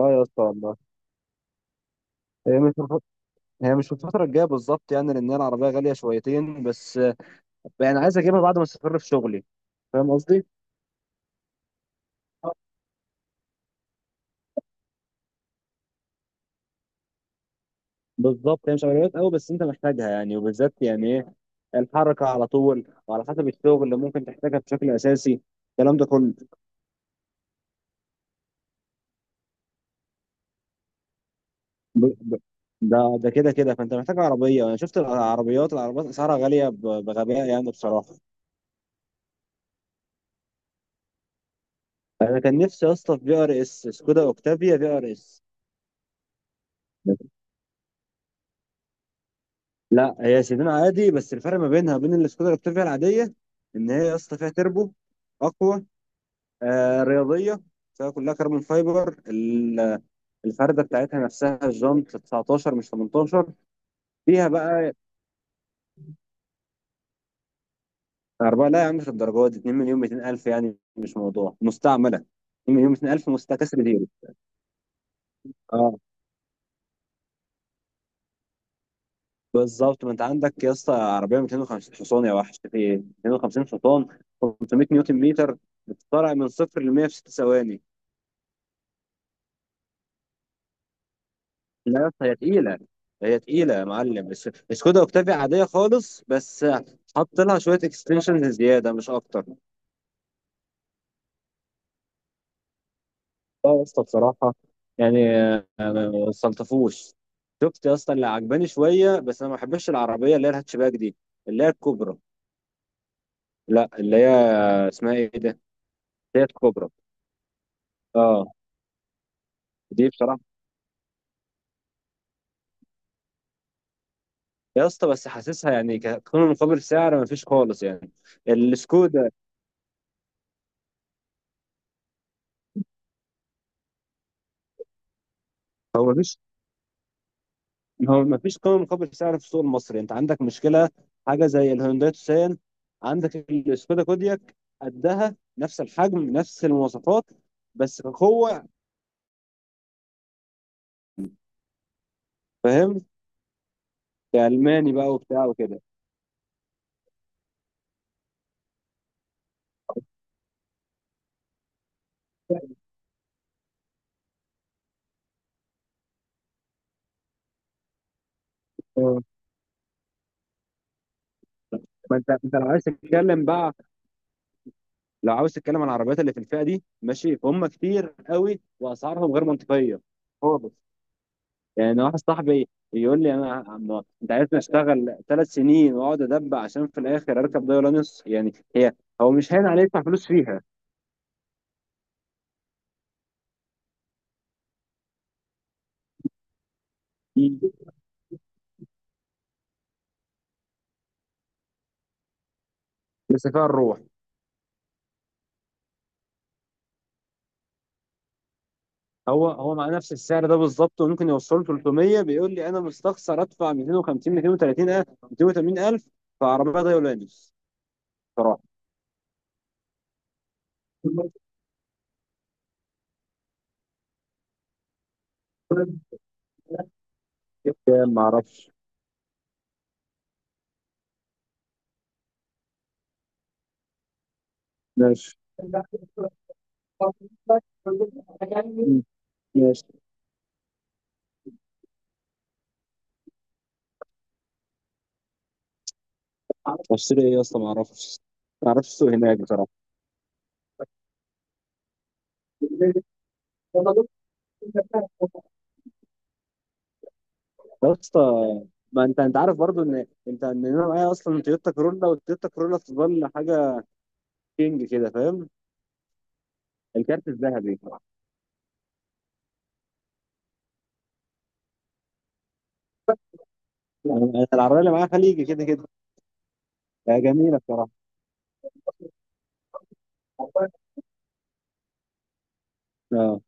اه يا اسطى والله، هي مش في الف- هي مش في الفترة الجاية بالظبط يعني، لأن هي العربية غالية شويتين بس. يعني عايز أجيبها بعد ما أستقر في شغلي. فاهم قصدي؟ بالظبط، هي مش عمليات قوي بس أنت محتاجها يعني، وبالذات يعني إيه، الحركة على طول وعلى حسب الشغل اللي ممكن تحتاجها بشكل أساسي. الكلام ده كله. ب... ب... ده كده كده، فأنت محتاج عربية. أنا شفت العربيات، العربيات أسعارها غالية بغباء يعني بصراحة. أنا كان نفسي يا اسطى في بي آر إس، سكودا أوكتافيا بي آر إس. لا، هي سيدان عادي، بس الفرق ما بينها وبين السكودا الاكتافيا العاديه، ان هي يا اسطى فيها تربو اقوى، رياضيه، فيها كلها كربون فايبر. الفرده بتاعتها نفسها، الجنط 19 مش 18. فيها بقى اربعه. لا يا عم مش الدرجات دي، 2 مليون 200 الف، يعني مش موضوع مستعمله. 2 مليون 200 الف مستكسر زيرو. اه بالظبط، ما انت عندك يا اسطى عربيه 250 حصان، يا وحش في ايه. 250 حصان، 500 نيوتن متر، بتطلع من صفر ل 100 في 6 ثواني. لا يا اسطى، هي تقيلة. هي تقيلة يا معلم، بس سكودا اوكتافيا عادية خالص، بس حط لها شوية اكستنشنز زيادة مش أكتر. لا يا اسطى بصراحة، يعني ما صلتفوش. شفت يا اسطى اللي عجباني شوية، بس أنا ما بحبش العربية اللي هي الهاتشباك دي، اللي هي الكوبرا. لا اللي هي، اسمها إيه ده؟ اللي هي الكوبرا، اه. دي بصراحة يا اسطى، بس حاسسها يعني كقيمة مقابل سعر ما فيش خالص يعني. السكودا، هو مفيش هو ما فيش قيمة مقابل سعر في السوق المصري، انت عندك مشكلة. حاجة زي الهونداي توسان، عندك السكودا كودياك، قدها نفس الحجم نفس المواصفات، بس كقوة، فاهم، كألماني بقى وبتاع وكده. اه. ما انت لو عاوز تتكلم عن العربيات اللي في الفئة دي، ماشي، فهم كتير قوي واسعارهم غير منطقية خالص. يعني واحد صاحبي يقول لي، انت عايزني اشتغل ثلاث سنين واقعد ادب عشان في الاخر اركب دايلانس، يعني هي، هو مش هين عليه يدفع فلوس فيها بس فيها الروح. هو مع نفس السعر ده بالظبط، وممكن يوصله 300. بيقول لي انا مستخسر ادفع 250، 230 الف، 280 الف في عربيه دايلانس، صراحه. يعني ما اعرفش. ماشي ماشي. اشتري ايه يا اسطى، ما اعرفش. ما اعرفش السوق هناك بصراحه. يا اسطى، ما انت عارف برضو، ان انت ان انا معايا اصلا تويوتا كورولا، والتويوتا كورولا تظل حاجه كينج كده، فاهم. الكارت الذهبي. يعني العربيه اللي معايا خليجي كده كده، جميله بصراحه. اه.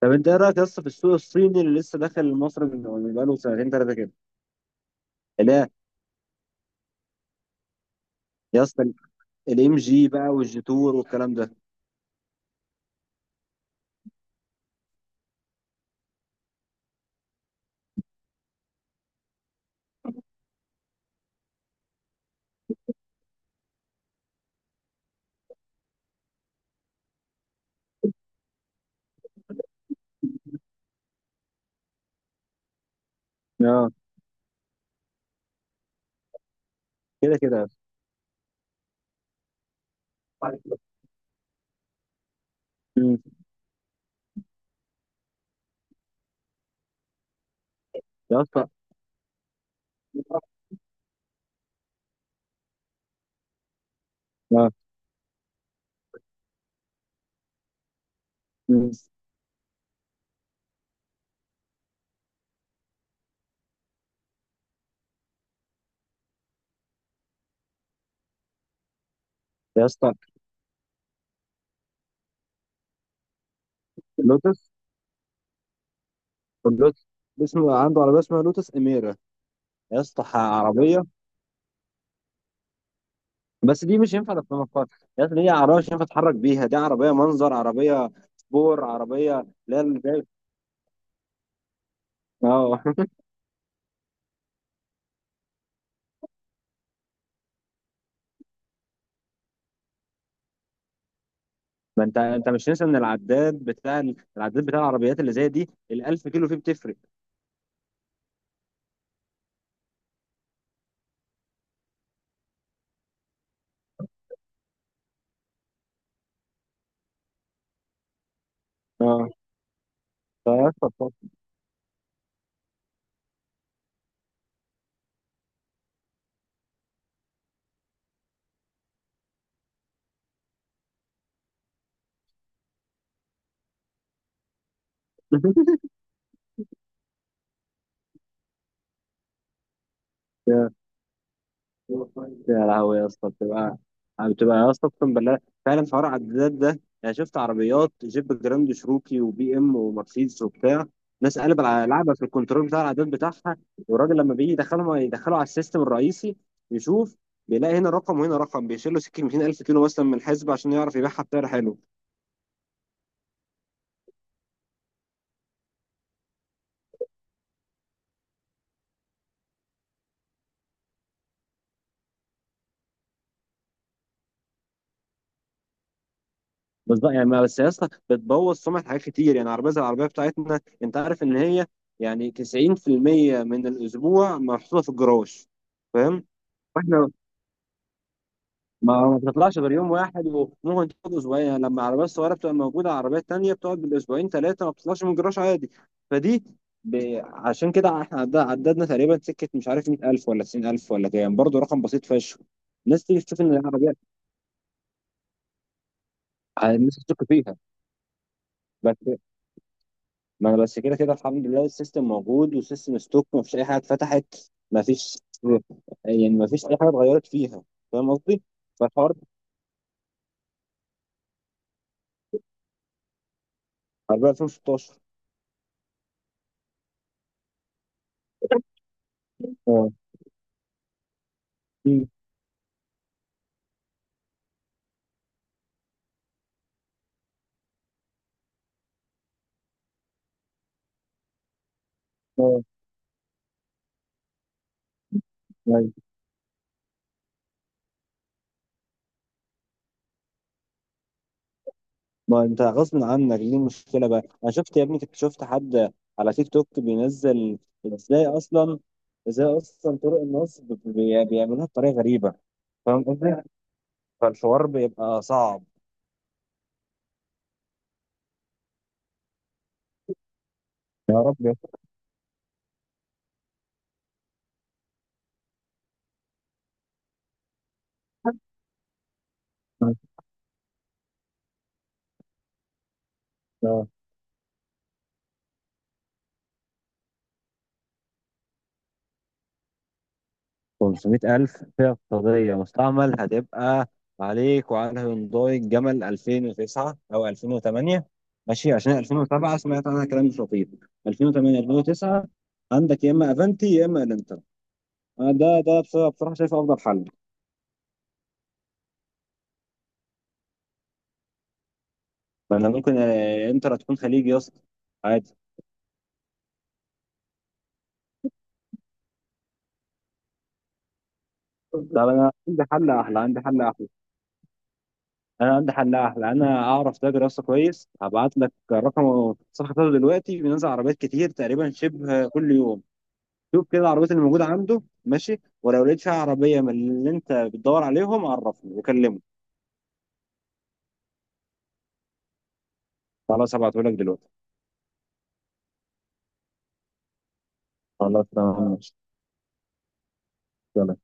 طب انت ايه رايك يا اسطى في السوق الصيني اللي لسه داخل مصر من بقاله سنتين ثلاثه كده. اللي هي يا اسطى الام جي بقى، والجيتور والكلام ده. اه، كده كده يا اسطى. مم. يا اسطى. اه. مم. يا اسطى لوتس، اللوتس. اسمه عنده عربيه اسمها لوتس اميره. يا اسطى، عربيه، بس دي مش ينفع تصنفها فرد. يا اسطى دي عربيه مش ينفع تتحرك بيها، دي عربيه منظر، عربيه سبور، عربيه لا اللي زي. اه ما انت مش ننسى ان العداد بتاع، العربيات اللي زي دي ال 1000 كيلو فيه بتفرق. اه يا يا لهوي يا اسطى بتبقى، يا اسطى اقسم بالله، فعلا حوار العدادات ده. انا شفت عربيات جيب جراند شروكي وبي ام ومرسيدس وبتاع ناس قلب على لعبه في الكنترول بتاع العداد بتاعها، والراجل لما بيجي يدخله على السيستم الرئيسي، يشوف، بيلاقي هنا رقم وهنا رقم، بيشيل له سكه 200000 كيلو مثلا من الحزب عشان يعرف يبيعها بسعر حلو. بالظبط يعني بس يا اسطى بتبوظ سمعه حاجات كتير، يعني عربيه زي العربيه بتاعتنا، انت عارف ان هي يعني 90% من الاسبوع محطوطه في الجراج، فاهم. واحنا ما بتطلعش غير يوم واحد، وممكن تقعد اسبوعين، يعني لما عربيات صغيره بتبقى موجوده، عربيات تانية بتقعد بالاسبوعين ثلاثه ما بتطلعش من الجراج عادي. فدي ب... عشان كده احنا عددنا تقريبا سكه، مش عارف 100000 ولا 90000 ولا كام، برضه رقم بسيط فشخ. الناس تيجي تشوف ان العربيه، الناس تشك فيها. بس ما انا بس كده كده الحمد لله، السيستم موجود، والسيستم ستوك ما فيش اي حاجه اتفتحت. ما فيش يعني ما فيش اي حاجه اتغيرت فيها. فاهم قصدي؟ فالحوار، عربيه 2016. اه. أمم. اه. ما انت غصب عنك دي المشكله بقى. انا شفت يا ابني، شفت حد على تيك توك بينزل، ازاي اصلا، ازاي اصلا طرق النصب بيعملوها بطريقه غريبه. فاهم قصدي. فالحوار بيبقى صعب. يا رب يا رب. 500000 فئه اقتصاديه مستعمل. هتبقى عليك وعلى هيونداي الجمل 2009 او 2008، ماشي. عشان 2007 سمعت عنها كلام مش لطيف. 2008، 2009 عندك، يا اما افنتي يا اما الانتر. أنا ده بصراحه شايفه افضل حل. لان ممكن، انتر هتكون خليجي يا اسطى عادي. طب انا عندي حل احلى، عندي حل احلى، انا عندي حل احلى. انا اعرف تاجر يا اسطى كويس، هبعت لك رقم صفحه بتاعته، دلوقتي بينزل عربيات كتير تقريبا شبه كل يوم. شوف كده العربيات اللي موجوده عنده، ماشي. ولو لقيت فيها عربيه من اللي انت بتدور عليهم عرفني وكلمه. خلاص هبعته لك دلوقتي. خلاص تمام ماشي. يلا.